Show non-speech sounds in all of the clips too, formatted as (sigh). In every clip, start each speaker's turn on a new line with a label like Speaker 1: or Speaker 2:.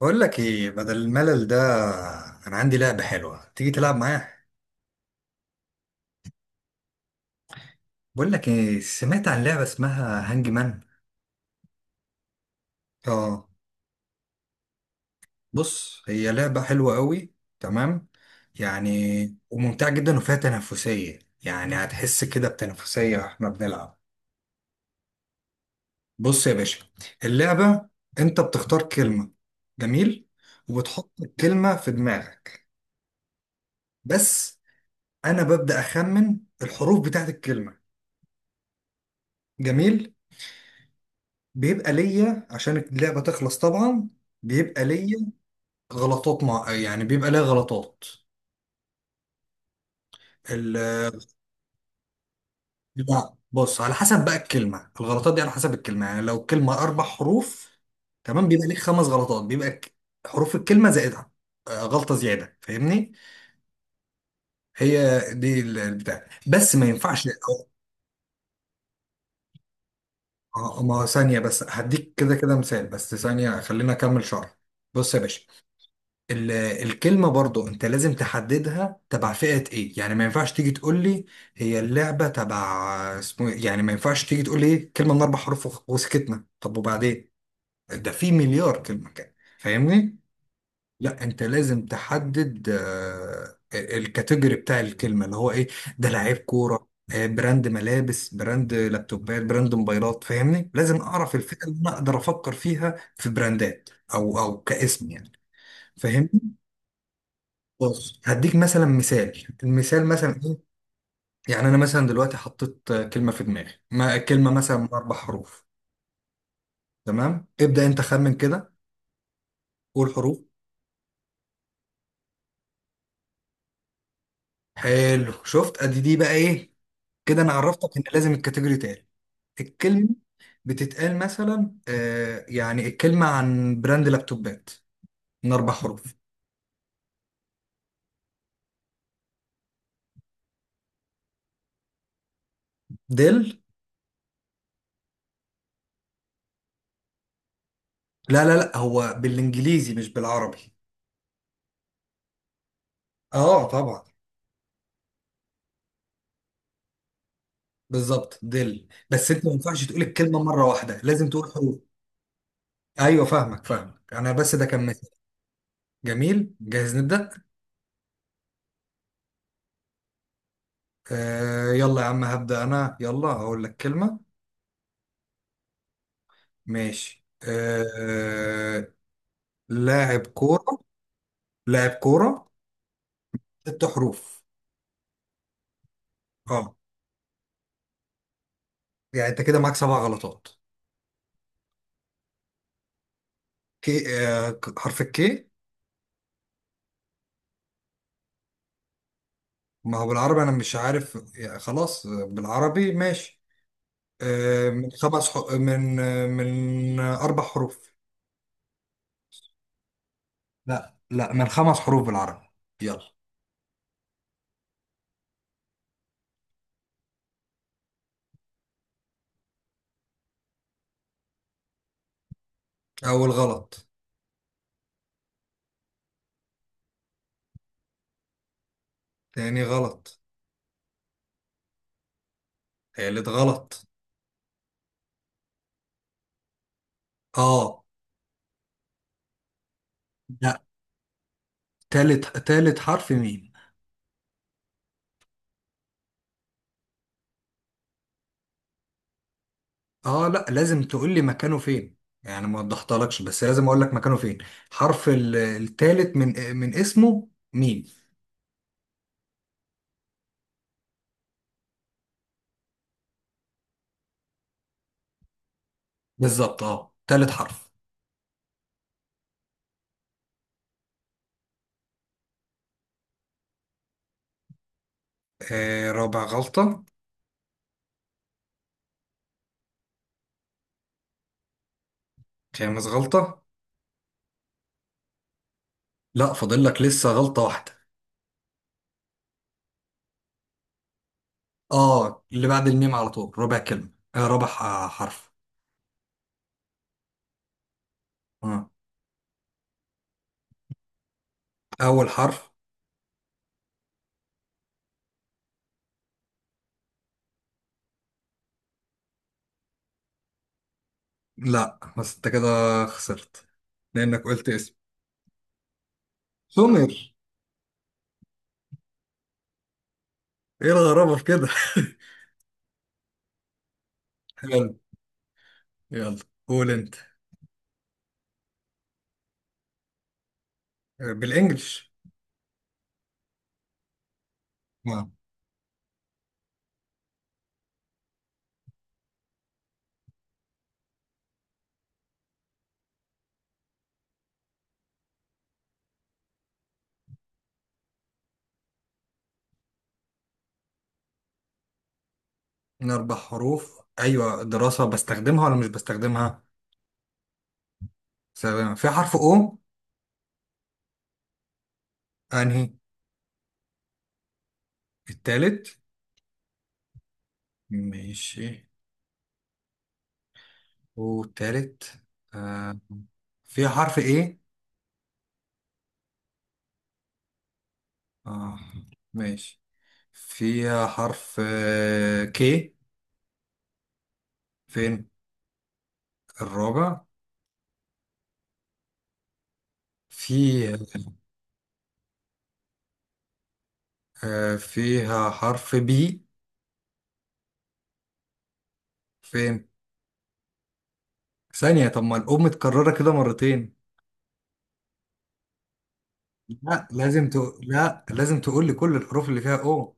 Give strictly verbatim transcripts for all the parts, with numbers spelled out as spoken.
Speaker 1: بقول لك ايه بدل الملل ده. انا عندي لعبة حلوة، تيجي تلعب معايا؟ بقول لك ايه، سمعت عن لعبة اسمها هانج مان؟ اه. بص، هي لعبة حلوة قوي، تمام، يعني وممتعة جدا وفيها تنافسية، يعني هتحس كده بتنافسية واحنا بنلعب. بص يا باشا، اللعبة انت بتختار كلمة، جميل، وبتحط الكلمة في دماغك بس. انا ببدأ اخمن الحروف بتاعت الكلمة، جميل. بيبقى ليا عشان اللعبة تخلص طبعا، بيبقى ليا غلطات، مع يعني بيبقى ليا غلطات ال... بيبقى- بص، على حسب بقى الكلمة، الغلطات دي على حسب الكلمة. يعني لو الكلمة أربع حروف، تمام، بيبقى ليك خمس غلطات، بيبقى ك- حروف الكلمة زائدها آه، غلطة زيادة، فاهمني؟ هي دي ال- البتاع، بس ما ينفعش أو- آه، ما ثانية بس، هديك كده كده مثال، بس ثانية خلينا أكمل شرح. بص يا باشا، ال- الكلمة برضو انت لازم تحددها تبع فئة ايه. يعني ما ينفعش تيجي تقول لي هي اللعبة تبع اسمه إيه؟ يعني ما ينفعش تيجي تقول لي إيه؟ كلمة من اربع حروف وخ- وسكتنا. طب وبعدين؟ ده في مليار كلمة كده، فاهمني؟ لا، انت لازم تحدد آه، الكاتيجوري بتاع الكلمة اللي هو ايه. ده لعيب كورة، آه، براند ملابس، براند لابتوبات، براند موبايلات، فاهمني؟ لازم اعرف الفئة اللي انا اقدر افكر فيها في براندات او او كاسم يعني، فاهمني؟ بص هديك مثلا مثال، المثال مثلا ايه. يعني انا مثلا دلوقتي حطيت آه، كلمه في دماغي، ما كلمه مثلا من اربع حروف. تمام، ابدا انت خمن كده، قول حروف. حلو، شفت؟ ادي دي بقى ايه، كده انا عرفتك ان لازم الكاتيجوري تاني. الكلمه بتتقال مثلا، آه، يعني الكلمه عن براند لابتوبات من اربع حروف. ديل. لا لا لا، هو بالانجليزي مش بالعربي. اه طبعا. بالظبط ديل، بس انت ما ينفعش تقول الكلمه مره واحده، لازم تقول حروف. ايوه، فاهمك فاهمك انا، بس ده كان مثال. جميل، جاهز نبدأ؟ آه يلا يا عم، هبدأ انا، يلا اقول لك كلمة. ماشي، آه. لاعب كورة. لاعب كورة، ست حروف. اه، يعني انت كده معاك سبع غلطات. كي؟ آه، ك- حرف الكي. ما هو بالعربي انا مش عارف يعني، خلاص آه، بالعربي ماشي. آه من خمس حو... من آه، من آه، اربع حروف. لا لا، من خمس حروف بالعربي، يلا. اول غلط. تاني غلط. تالت غلط. اه. لا، تالت تالت حرف ميم. اه لا، لازم تقول لي مكانه فين، يعني ما وضحتلكش بس لازم اقول لك مكانه فين. حرف ال- التالت من من اسمه ميم. بالظبط، اه تالت حرف. آه، رابع غلطة. خامس غلطة. لا، فاضل لك لسه غلطة واحدة. اه، اللي بعد الميم على طول ربع كلمة، آه ربع ح- حرف. آه. اول حرف. لا بس انت كده خسرت لانك قلت اسم. سمر. ايه الغرابة في كده؟ (laughs) حلو، يلا قول انت. بالانجلش. نعم. من اربع حروف. ايوه، دراسة بستخدمها ولا مش بستخدمها؟ بستخدمها في حرف او؟ انهي؟ التالت. ماشي، والتالت؟ آه. في حرف ايه؟ آه، ماشي، في حرف آه، كي. فين؟ الرابع. في. آه، فيها حرف بي. فين؟ ثانية، طب ما الأم متكررة كده مرتين. لا لازم تقول، لا لازم تقول لي كل الحروف اللي فيها او.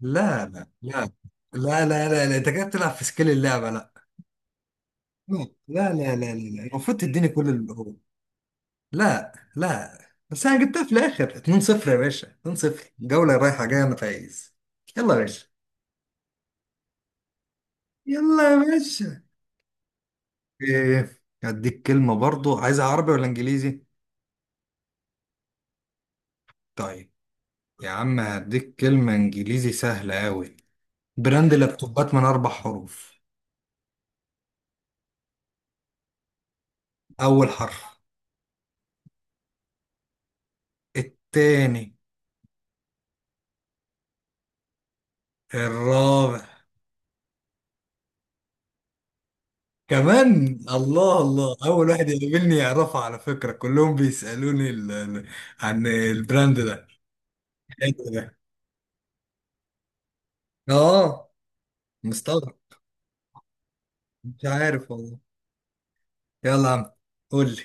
Speaker 1: لا لا لا لا. لا لا لا, انت كده بتلعب في سكيل اللعبه، لا لا لا لا لا لا. المفروض تديني كل الحروف. لا لا، بس انا جبتها في الاخر، اتنين صفر يا باشا، اتنين صفر جوله رايحه جايه، انا فايز. يلا يا باشا. يلا يا باشا. ايه، هديك كلمه برضو، عايزها عربي ولا انجليزي؟ طيب يا عم، هديك كلمه انجليزي سهله قوي، براند لابتوبات من اربع حروف. اول حرف. التاني. الرابع. كمان؟ الله الله، اول واحد يقابلني يعرفه، على فكرة كلهم بيسألوني ال... ال- عن البراند ده، البراند ده. اه مستغرب. مش عارف والله. يلا يا عم قول لي،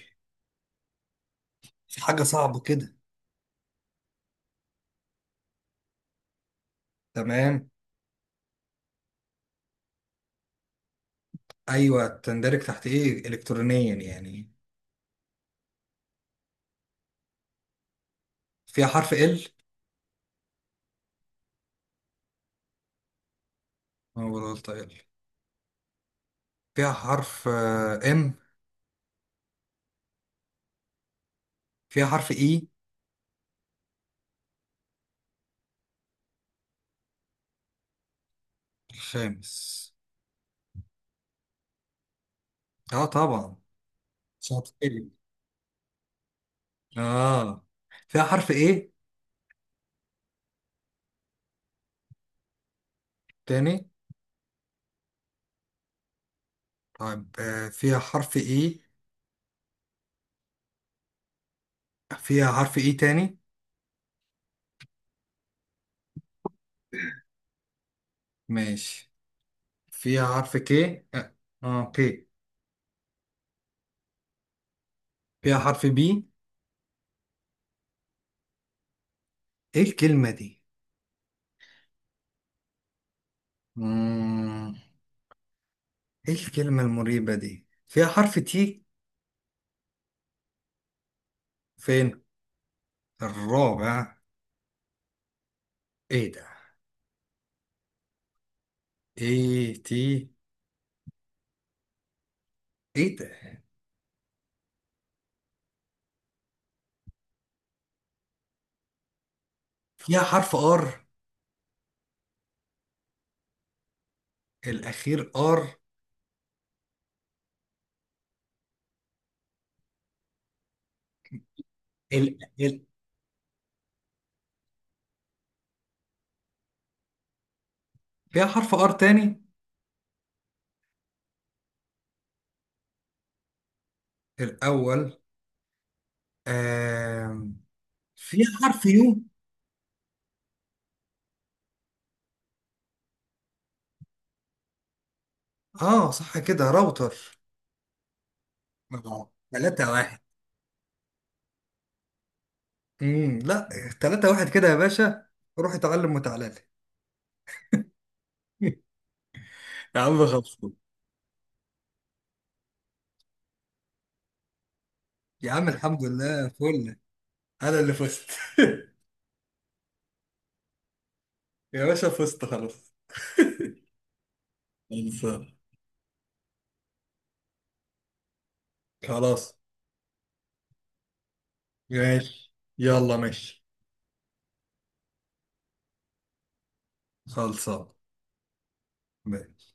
Speaker 1: في حاجة صعبة كده. تمام. ايوه، تندرج تحت ايه الكترونيا يعني؟ فيها حرف ال؟ انا بقول غلطة ال. فيها حرف ام؟ فيها حرف اي؟ الخامس. اه طبعا. شاطر. اه، فيها حرف ايه تاني؟ طيب آه، فيها حرف ايه؟ فيها حرف ايه تاني؟ ماشي، فيها حرف كي؟ اه، آه، كي. فيها حرف بي؟ ايه الكلمة دي؟ مم. ايه الكلمة المريبة دي؟ فيها حرف تي؟ فين؟ الرابع. ايه ده، ايه تي، ايه ده؟ فيها حرف ار؟ الاخير. ار. ال... ال... فيها حرف ار تاني؟ الاول. آم، فيها حرف يو؟ اه صح، كده راوتر. اه تلاتة واحد. امم لا، تلاتة واحد كده يا باشا، روح اتعلم وتعالى لي. (laughs) يا عم خلصوا يا عم، الحمد لله، فل، انا اللي فزت. (laughs) يا باشا فزت خلاص. خلصان. خلاص ماشي. يلا ماشي. خلصان. ماشي.